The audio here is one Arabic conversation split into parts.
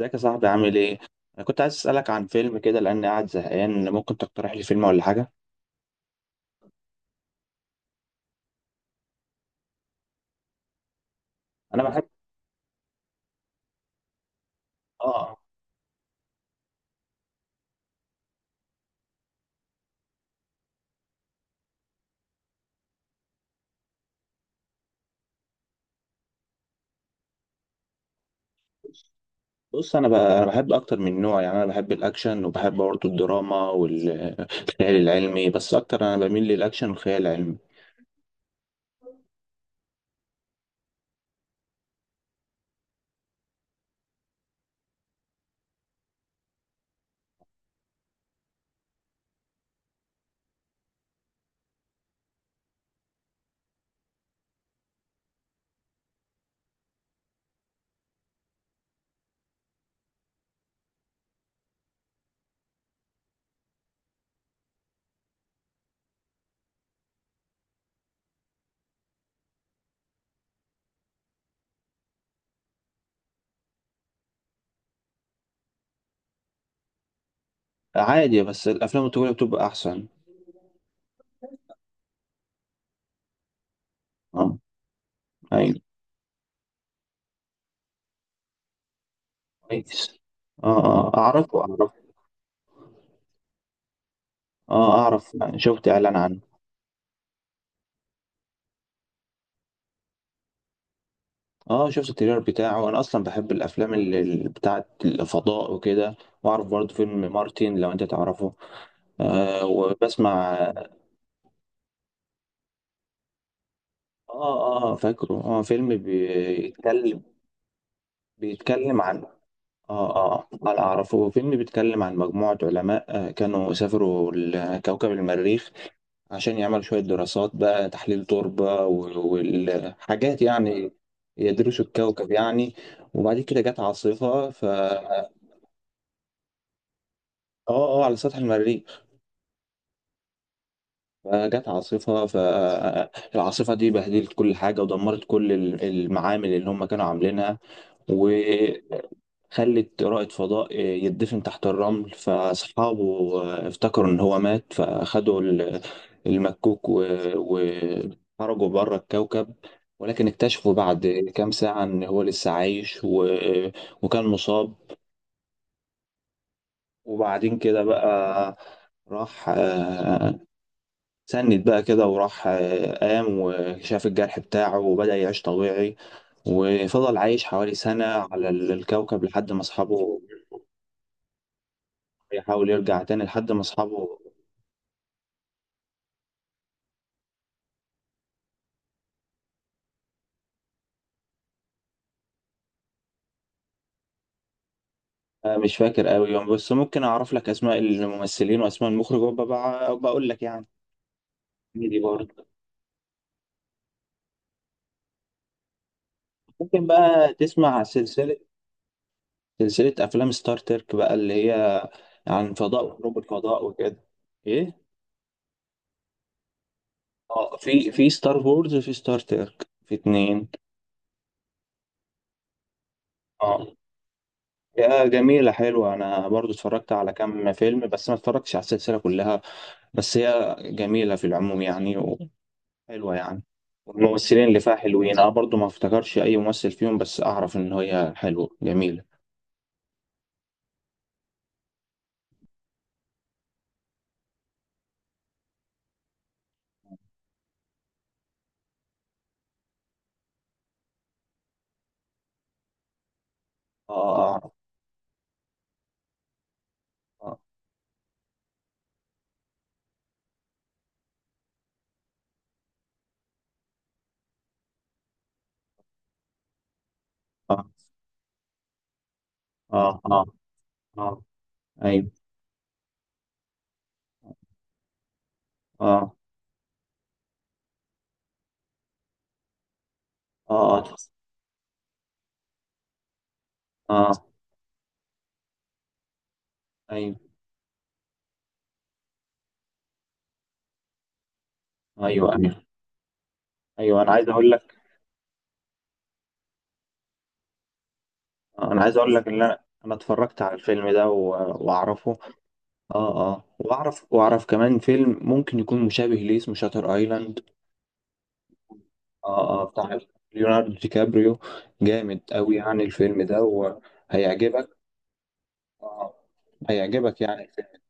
ازيك يا صاحبي؟ عامل ايه؟ انا كنت عايز اسالك عن فيلم كده لاني قاعد زهقان. ممكن تقترح لي فيلم ولا حاجه؟ انا بحب. اه. انا بحب اكتر من نوع، يعني انا بحب الاكشن وبحب برضه الدراما والخيال العلمي، بس اكتر انا بميل للاكشن والخيال العلمي. عادي، بس الافلام الطويله بتبقى احسن. اه. ايوه. كويس. اه اه، اعرفه اعرفه. اه اعرف، شفت اعلان عنه. اه شفت التريلر بتاعه، انا اصلا بحب الافلام اللي بتاعت الفضاء وكده. واعرف برضه فيلم مارتن، لو انت تعرفه. آه وبسمع اه. اه فاكره، اه فيلم بيتكلم. بيتكلم عن. اه اه انا اعرفه، فيلم بيتكلم عن مجموعة علماء كانوا سافروا لكوكب المريخ عشان يعملوا شوية دراسات بقى، تحليل تربة و- والحاجات يعني، يدرسوا الكوكب يعني. وبعد كده جت عاصفة، ف اه على سطح المريخ. فجت عاصفة، فالعاصفة دي بهدلت كل حاجة ودمرت كل ال- المعامل اللي هم كانوا عاملينها، وخلت رائد فضاء يدفن تحت الرمل. فأصحابه افتكروا إن هو مات، فأخدوا ال- المكوك و- وخرجوا بره الكوكب، ولكن اكتشفوا بعد كام ساعة إن هو لسه عايش وكان مصاب. وبعدين كده بقى راح، سند بقى كده، وراح، قام وشاف الجرح بتاعه وبدأ يعيش طبيعي، وفضل عايش حوالي سنة على الكوكب لحد ما أصحابه. يحاول يرجع تاني لحد ما اصحابه. مش فاكر قوي يوم، بس ممكن اعرف لك اسماء الممثلين واسماء المخرج وببقى بقول لك يعني. دي برضه. ممكن بقى تسمع سلسلة، سلسلة افلام ستار ترك بقى، اللي هي عن فضاء وحروب الفضاء وكده. ايه. اه في في ستار وورز وفي ستار ترك، في اتنين. اه يا جميلة حلوة، أنا برضو اتفرجت على كام فيلم بس ما اتفرجتش على السلسلة كلها، بس هي جميلة في العموم يعني، حلوة يعني. الممثلين اللي فيها حلوين، انا برضو ما افتكرش اي ممثل فيهم، بس اعرف ان هي حلوة جميلة. اه. آه، اعرف. اه اه اه. اه اه. ايوه. اه اه اه. آه، ايوه ايوه ايوه. ايوه انا عايز اقول لك ان انا، انا اتفرجت على الفيلم ده و- واعرفه. اه اه، واعرف واعرف كمان فيلم ممكن يكون مشابه ليه، اسمه شاتر ايلاند. اه اه بتاع ليوناردو دي كابريو، جامد قوي يعني الفيلم ده وهيعجبك. آه. هيعجبك يعني الفيلم.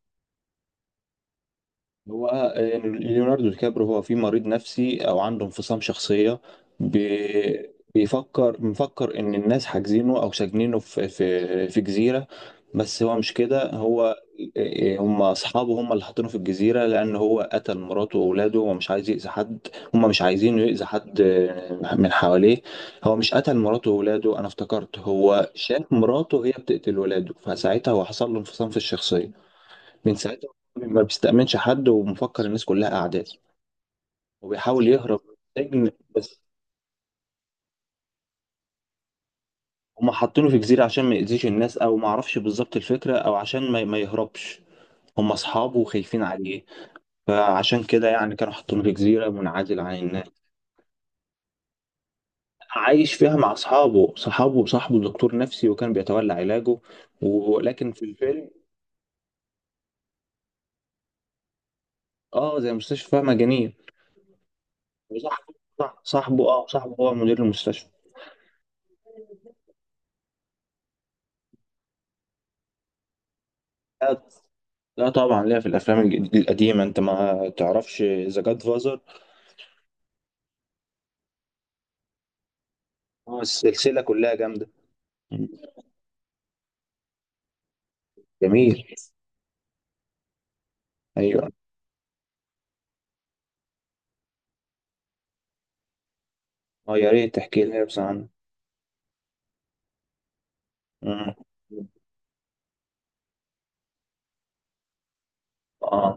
هو ليوناردو دي كابريو هو في مريض نفسي او عنده انفصام شخصيه، بي- بيفكر، مفكر ان الناس حاجزينه او ساجنينه في في جزيره، بس هو مش كده. هو آه، هم اصحابه، هم اللي حاطينه في الجزيره لان هو قتل مراته واولاده ومش عايز يأذي حد. هم مش عايزينه يأذي حد من حواليه. هو مش قتل مراته واولاده، انا افتكرت هو شاف مراته هي بتقتل ولاده، فساعتها هو حصل له انفصام في الشخصيه. من ساعتها ما بيستأمنش حد، ومفكر الناس كلها أعداء، وبيحاول يهرب من السجن. بس هما حاطينه في جزيرة عشان ما يأذيش الناس، أو ما أعرفش بالظبط الفكرة، أو عشان ما يهربش. هما أصحابه وخايفين عليه، فعشان كده يعني كانوا حاطينه في جزيرة منعزل عن الناس. عايش فيها مع أصحابه، صحابه وصاحبه دكتور نفسي وكان بيتولى علاجه. ولكن في الفيلم، آه زي مستشفى مجانية. وصاحبه، صاحبه هو مدير المستشفى. لا طبعا، ليا في الافلام الج- القديمه. انت ما تعرفش ذا جاد فازر؟ السلسله كلها جامده. مم. جميل. ايوه. اه يا ريت تحكي لنا بس عنه. مم. اه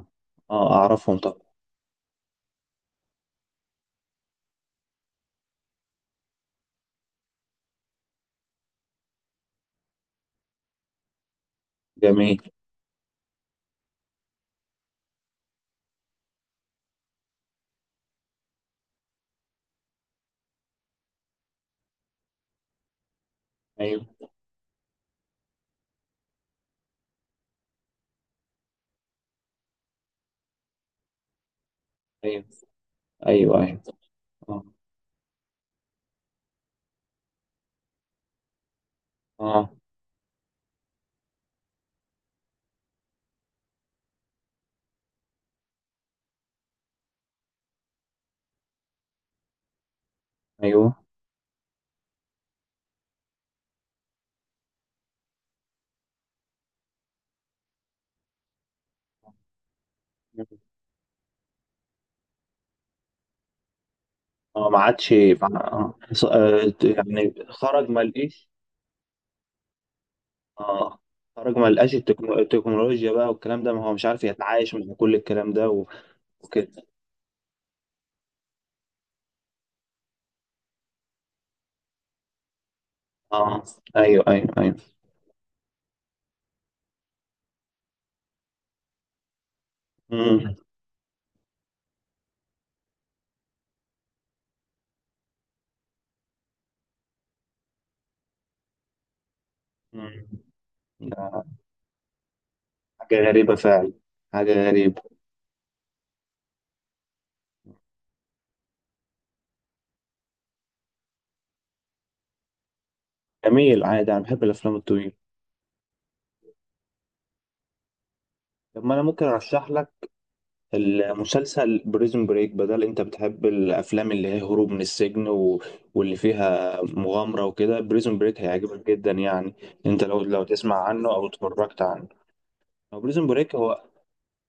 اه اعرفهم طبعا. جميل. ايوه ايوه ايوه. ايوه. اه اه ايوه. اه ما عادش. يعني خرج ما لقيش. اه خرج ما لقاش التكنو- التكنولوجيا بقى والكلام ده، ما هو مش عارف يتعايش مع كل الكلام ده و- وكده. اه ايوه ايوه ايوه. مم. مم. ده حاجة غريبة فعلا، حاجة غريبة. جميل، عادي أنا بحب الأفلام الطويلة. طب ما أنا ممكن أرشح لك المسلسل بريزون بريك، بدل أنت بتحب الأفلام اللي هي هروب من السجن واللي فيها مغامرة وكده، بريزون بريك هيعجبك جدا يعني. أنت لو تسمع عنه أو اتفرجت عنه. هو بريزون بريك هو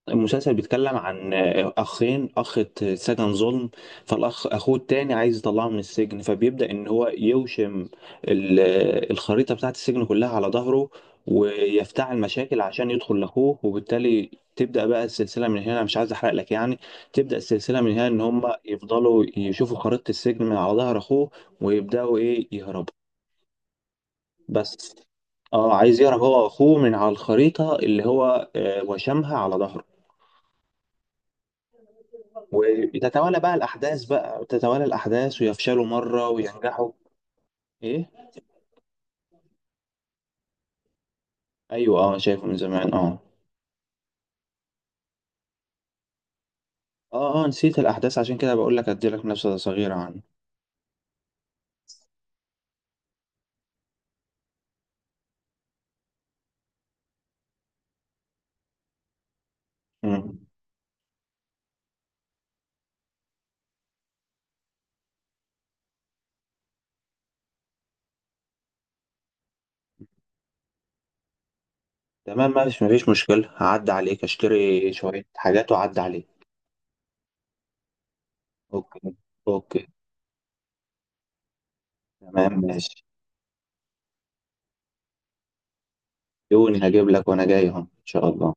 المسلسل، بيتكلم عن اخين، اخ اتسجن ظلم، فالاخ اخوه التاني عايز يطلعه من السجن، فبيبدأ ان هو يوشم ال- الخريطة بتاعت السجن كلها على ظهره، ويفتعل مشاكل عشان يدخل لاخوه، وبالتالي تبدأ بقى السلسلة من هنا، مش عايز احرق لك يعني. تبدأ السلسلة من هنا ان هم يفضلوا يشوفوا خريطة السجن من على ظهر اخوه، ويبدأوا ايه يهربوا بس. اه عايز يهرب هو واخوه من على الخريطة اللي هو، وشمها على ظهره. وتتوالى بقى الأحداث، بقى تتوالى الأحداث ويفشلوا مرة وينجحوا. إيه؟ أيوه أه، شايفه من زمان أه. أه أه نسيت الأحداث، عشان كده بقول لك أديلك نبذة صغيرة عنه. مم. تمام ماشي، مفيش مشكلة، هعدي عليك أشتري شوية حاجات وأعدي عليك. أوكي أوكي. تمام ماشي، يوني هجيب لك وأنا جاي أهو إن شاء الله.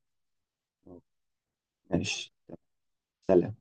ماشي، سلام.